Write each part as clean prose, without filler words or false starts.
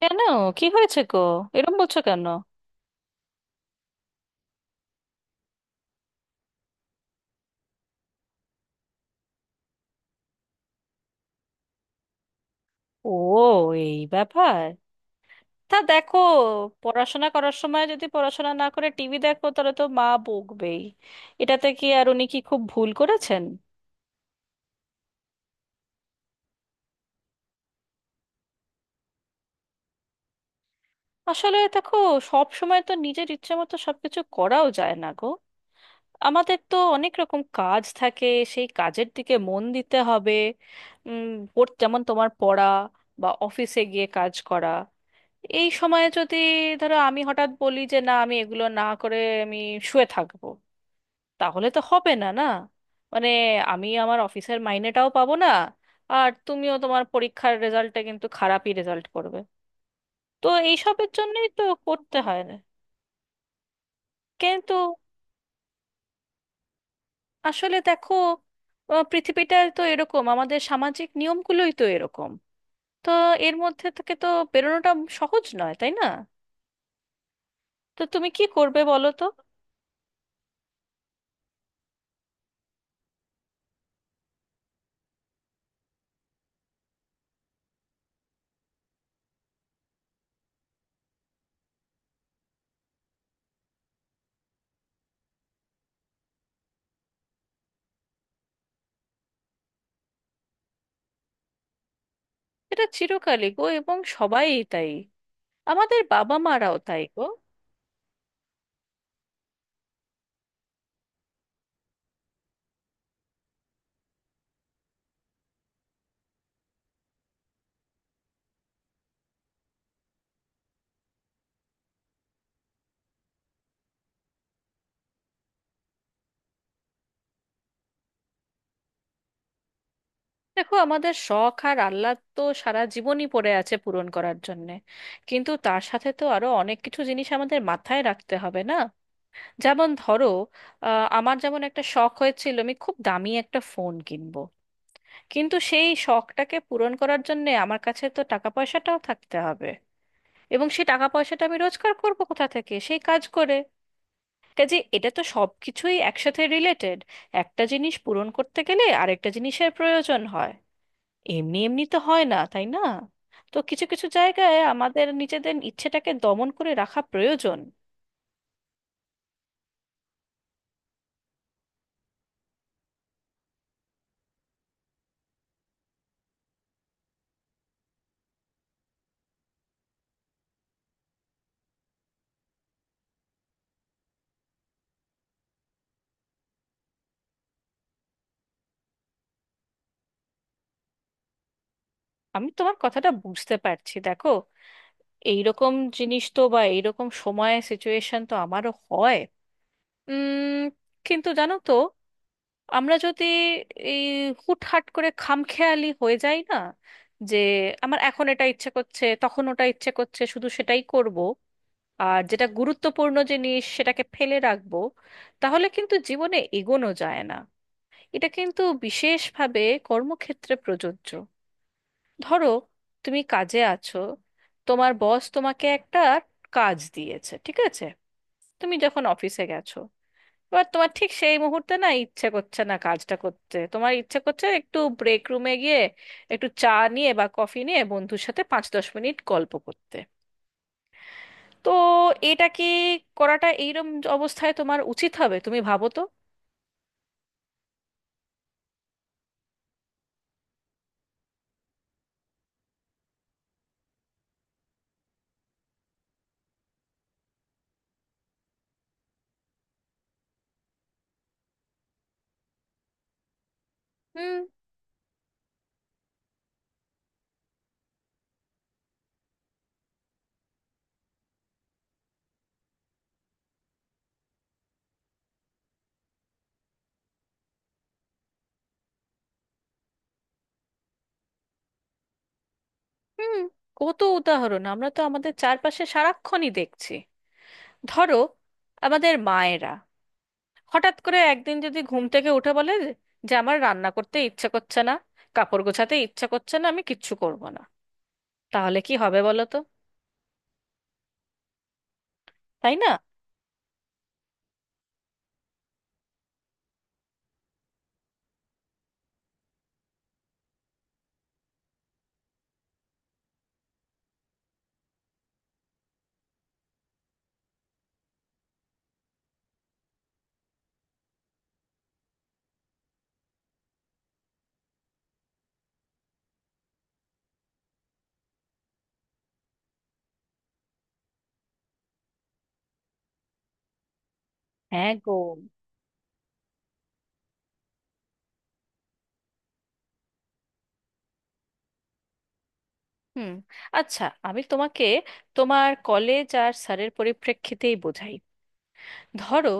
কেন? কি হয়েছে গো? এরম বলছো কেন? ও, এই ব্যাপার। তা দেখো, পড়াশোনা করার সময় যদি পড়াশোনা না করে টিভি দেখো, তাহলে তো মা বকবেই। এটাতে কি আর উনি কি খুব ভুল করেছেন? আসলে দেখো, সব সময় তো নিজের ইচ্ছে মতো সবকিছু করাও যায় না গো। আমাদের তো অনেক রকম কাজ থাকে, সেই কাজের দিকে মন দিতে হবে। উম, ওর যেমন তোমার পড়া, বা অফিসে গিয়ে কাজ করা। এই সময়ে যদি ধরো আমি হঠাৎ বলি যে না, আমি এগুলো না করে আমি শুয়ে থাকবো, তাহলে তো হবে না না। মানে আমার অফিসের মাইনেটাও পাবো না, আর তুমিও তোমার পরীক্ষার রেজাল্টে কিন্তু খারাপই রেজাল্ট করবে। তো এইসবের জন্যই তো করতে হয় না। কিন্তু আসলে দেখো, পৃথিবীটা তো এরকম, আমাদের সামাজিক নিয়মগুলোই তো এরকম। তো এর মধ্যে থেকে তো বেরোনোটা সহজ নয়, তাই না? তো তুমি কি করবে বলো তো? এটা চিরকালই গো, এবং সবাই তাই। আমাদের বাবা মারাও তাই গো। দেখো, আমাদের শখ আর আহ্লাদ তো সারা জীবনই পড়ে আছে পূরণ করার জন্যে, কিন্তু তার সাথে তো আরো অনেক কিছু জিনিস আমাদের মাথায় রাখতে হবে না? যেমন ধরো, আমার যেমন একটা শখ হয়েছিল আমি খুব দামি একটা ফোন কিনবো, কিন্তু সেই শখটাকে পূরণ করার জন্যে আমার কাছে তো টাকা পয়সাটাও থাকতে হবে। এবং সেই টাকা পয়সাটা আমি রোজগার করবো কোথা থেকে? সেই কাজ করে। কাজে এটা তো সব কিছুই একসাথে রিলেটেড। একটা জিনিস পূরণ করতে গেলে আরেকটা জিনিসের প্রয়োজন হয়। এমনি এমনি তো হয় না, তাই না? তো কিছু কিছু জায়গায় আমাদের নিজেদের ইচ্ছেটাকে দমন করে রাখা প্রয়োজন। আমি তোমার কথাটা বুঝতে পারছি, দেখো, এইরকম জিনিস তো বা এইরকম সময় সিচুয়েশন তো আমারও হয়। উম কিন্তু জানো তো, আমরা যদি এই হুটহাট করে খামখেয়ালি হয়ে যাই না, যে আমার এখন এটা ইচ্ছে করছে তখন ওটা ইচ্ছে করছে শুধু সেটাই করব, আর যেটা গুরুত্বপূর্ণ জিনিস সেটাকে ফেলে রাখবো, তাহলে কিন্তু জীবনে এগোনো যায় না। এটা কিন্তু বিশেষভাবে কর্মক্ষেত্রে প্রযোজ্য। ধরো, তুমি কাজে আছো, তোমার বস তোমাকে একটা কাজ দিয়েছে, ঠিক আছে? তুমি যখন অফিসে গেছো, এবার তোমার ঠিক সেই মুহূর্তে না ইচ্ছে করছে না কাজটা করতে, তোমার ইচ্ছে করছে একটু ব্রেক রুমে গিয়ে একটু চা নিয়ে বা কফি নিয়ে বন্ধুর সাথে 5-10 মিনিট গল্প করতে। তো এটা কি করাটা এইরকম অবস্থায় তোমার উচিত হবে? তুমি ভাবো তো। হুম। হুম কত উদাহরণ আমরা তো আমাদের চারপাশে সারাক্ষণই দেখছি। ধরো, আমাদের মায়েরা হঠাৎ করে একদিন যদি ঘুম থেকে উঠে বলে যে যে আমার রান্না করতে ইচ্ছে করছে না, কাপড় গোছাতে ইচ্ছে করছে না, আমি কিচ্ছু করব না, তাহলে কি হবে বলো তো? তাই না? হ্যাঁ গো। হুম, আচ্ছা। আমি তোমাকে তোমার কলেজ আর স্যারের পরিপ্রেক্ষিতেই বোঝাই। ধরো,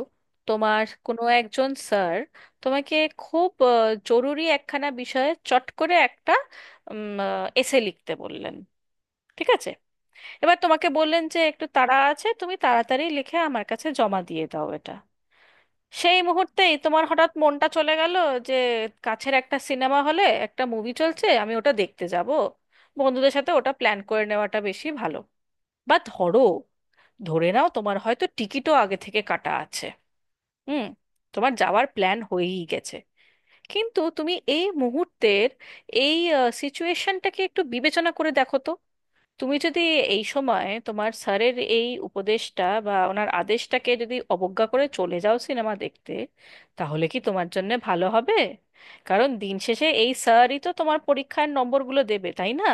তোমার কোনো একজন স্যার তোমাকে খুব জরুরি একখানা বিষয়ে চট করে একটা এসে লিখতে বললেন, ঠিক আছে? এবার তোমাকে বললেন যে একটু তাড়া আছে, তুমি তাড়াতাড়ি লিখে আমার কাছে জমা দিয়ে দাও এটা। সেই মুহূর্তেই তোমার হঠাৎ মনটা চলে গেল যে কাছের একটা সিনেমা হলে একটা মুভি চলছে, আমি ওটা দেখতে যাব, বন্ধুদের সাথে ওটা প্ল্যান করে নেওয়াটা বেশি ভালো। বা ধরো, ধরে নাও তোমার হয়তো টিকিটও আগে থেকে কাটা আছে, হুম, তোমার যাওয়ার প্ল্যান হয়েই গেছে। কিন্তু তুমি এই মুহূর্তের এই সিচুয়েশনটাকে একটু বিবেচনা করে দেখো তো। তুমি যদি এই সময় তোমার স্যারের এই উপদেশটা বা ওনার আদেশটাকে যদি অবজ্ঞা করে চলে যাও সিনেমা দেখতে, তাহলে কি তোমার জন্য ভালো হবে? কারণ দিন শেষে এই স্যারই তো তোমার পরীক্ষার নম্বরগুলো দেবে, তাই না?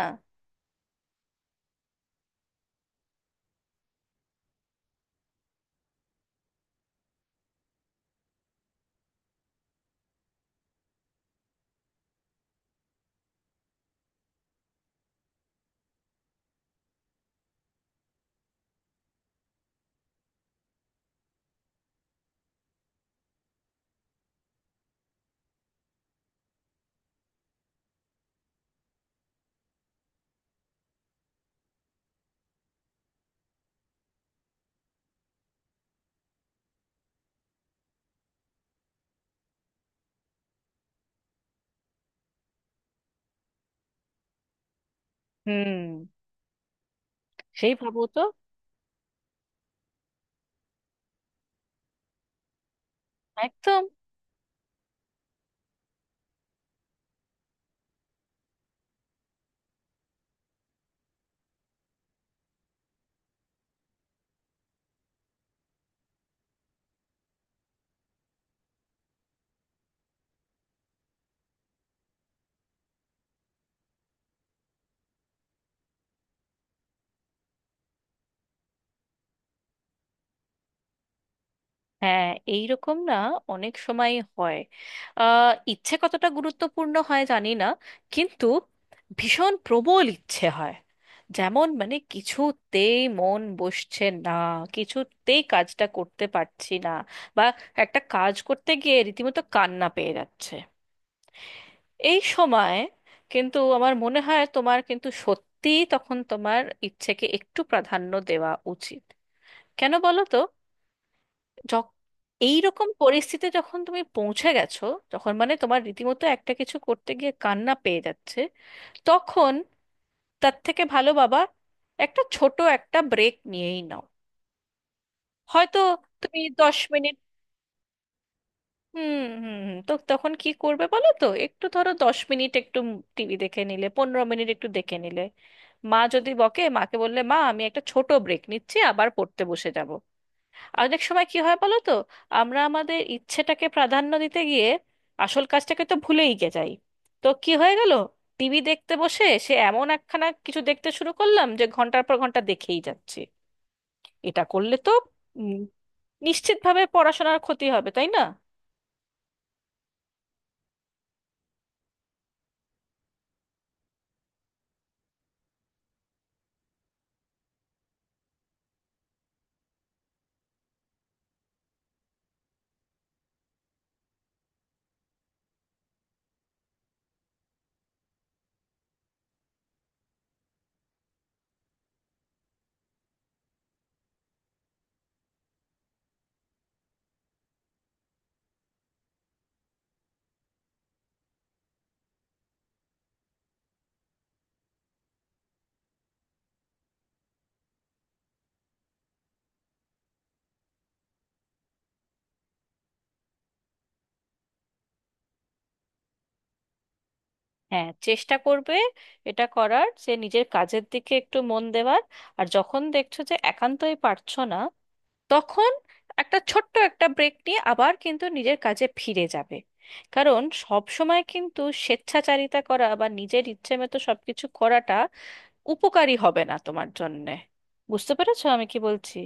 হুম, সেই ভাবো তো। একদম। হ্যাঁ, এইরকম না অনেক সময় হয়, আহ ইচ্ছে কতটা গুরুত্বপূর্ণ হয় জানি না, কিন্তু ভীষণ প্রবল ইচ্ছে হয়, যেমন মানে কিছুতেই মন বসছে না, কিছুতেই কাজটা করতে পারছি না, বা একটা কাজ করতে গিয়ে রীতিমতো কান্না পেয়ে যাচ্ছে। এই সময় কিন্তু আমার মনে হয় তোমার কিন্তু সত্যিই তখন তোমার ইচ্ছেকে একটু প্রাধান্য দেওয়া উচিত। কেন বলো তো? যখ- এইরকম পরিস্থিতি যখন তুমি পৌঁছে গেছো, যখন মানে তোমার রীতিমতো একটা কিছু করতে গিয়ে কান্না পেয়ে যাচ্ছে, তখন তার থেকে ভালো বাবা একটা ছোট একটা ব্রেক নিয়েই নাও। হয়তো তুমি 10 মিনিট। হুম হুম হুম তো তখন কি করবে বলো তো? একটু ধরো 10 মিনিট একটু টিভি দেখে নিলে, 15 মিনিট একটু দেখে নিলে, মা যদি বকে মাকে বললে মা আমি একটা ছোট ব্রেক নিচ্ছি, আবার পড়তে বসে যাব। অনেক সময় কি হয় বলো তো, আমরা আমাদের ইচ্ছেটাকে প্রাধান্য দিতে গিয়ে আসল কাজটাকে তো ভুলেই গে যাই। তো কি হয়ে গেল, টিভি দেখতে বসে সে এমন একখানা কিছু দেখতে শুরু করলাম যে ঘন্টার পর ঘন্টা দেখেই যাচ্ছে। এটা করলে তো উম, নিশ্চিতভাবে পড়াশোনার ক্ষতি হবে, তাই না? হ্যাঁ, চেষ্টা করবে এটা করার, সে নিজের কাজের দিকে একটু মন দেওয়ার। আর যখন দেখছো যে একান্তই পারছো না, তখন একটা ছোট্ট একটা ব্রেক নিয়ে আবার কিন্তু নিজের কাজে ফিরে যাবে। কারণ সব সময় কিন্তু স্বেচ্ছাচারিতা করা বা নিজের ইচ্ছে মতো সবকিছু করাটা উপকারী হবে না তোমার জন্যে। বুঝতে পেরেছো আমি কি বলছি?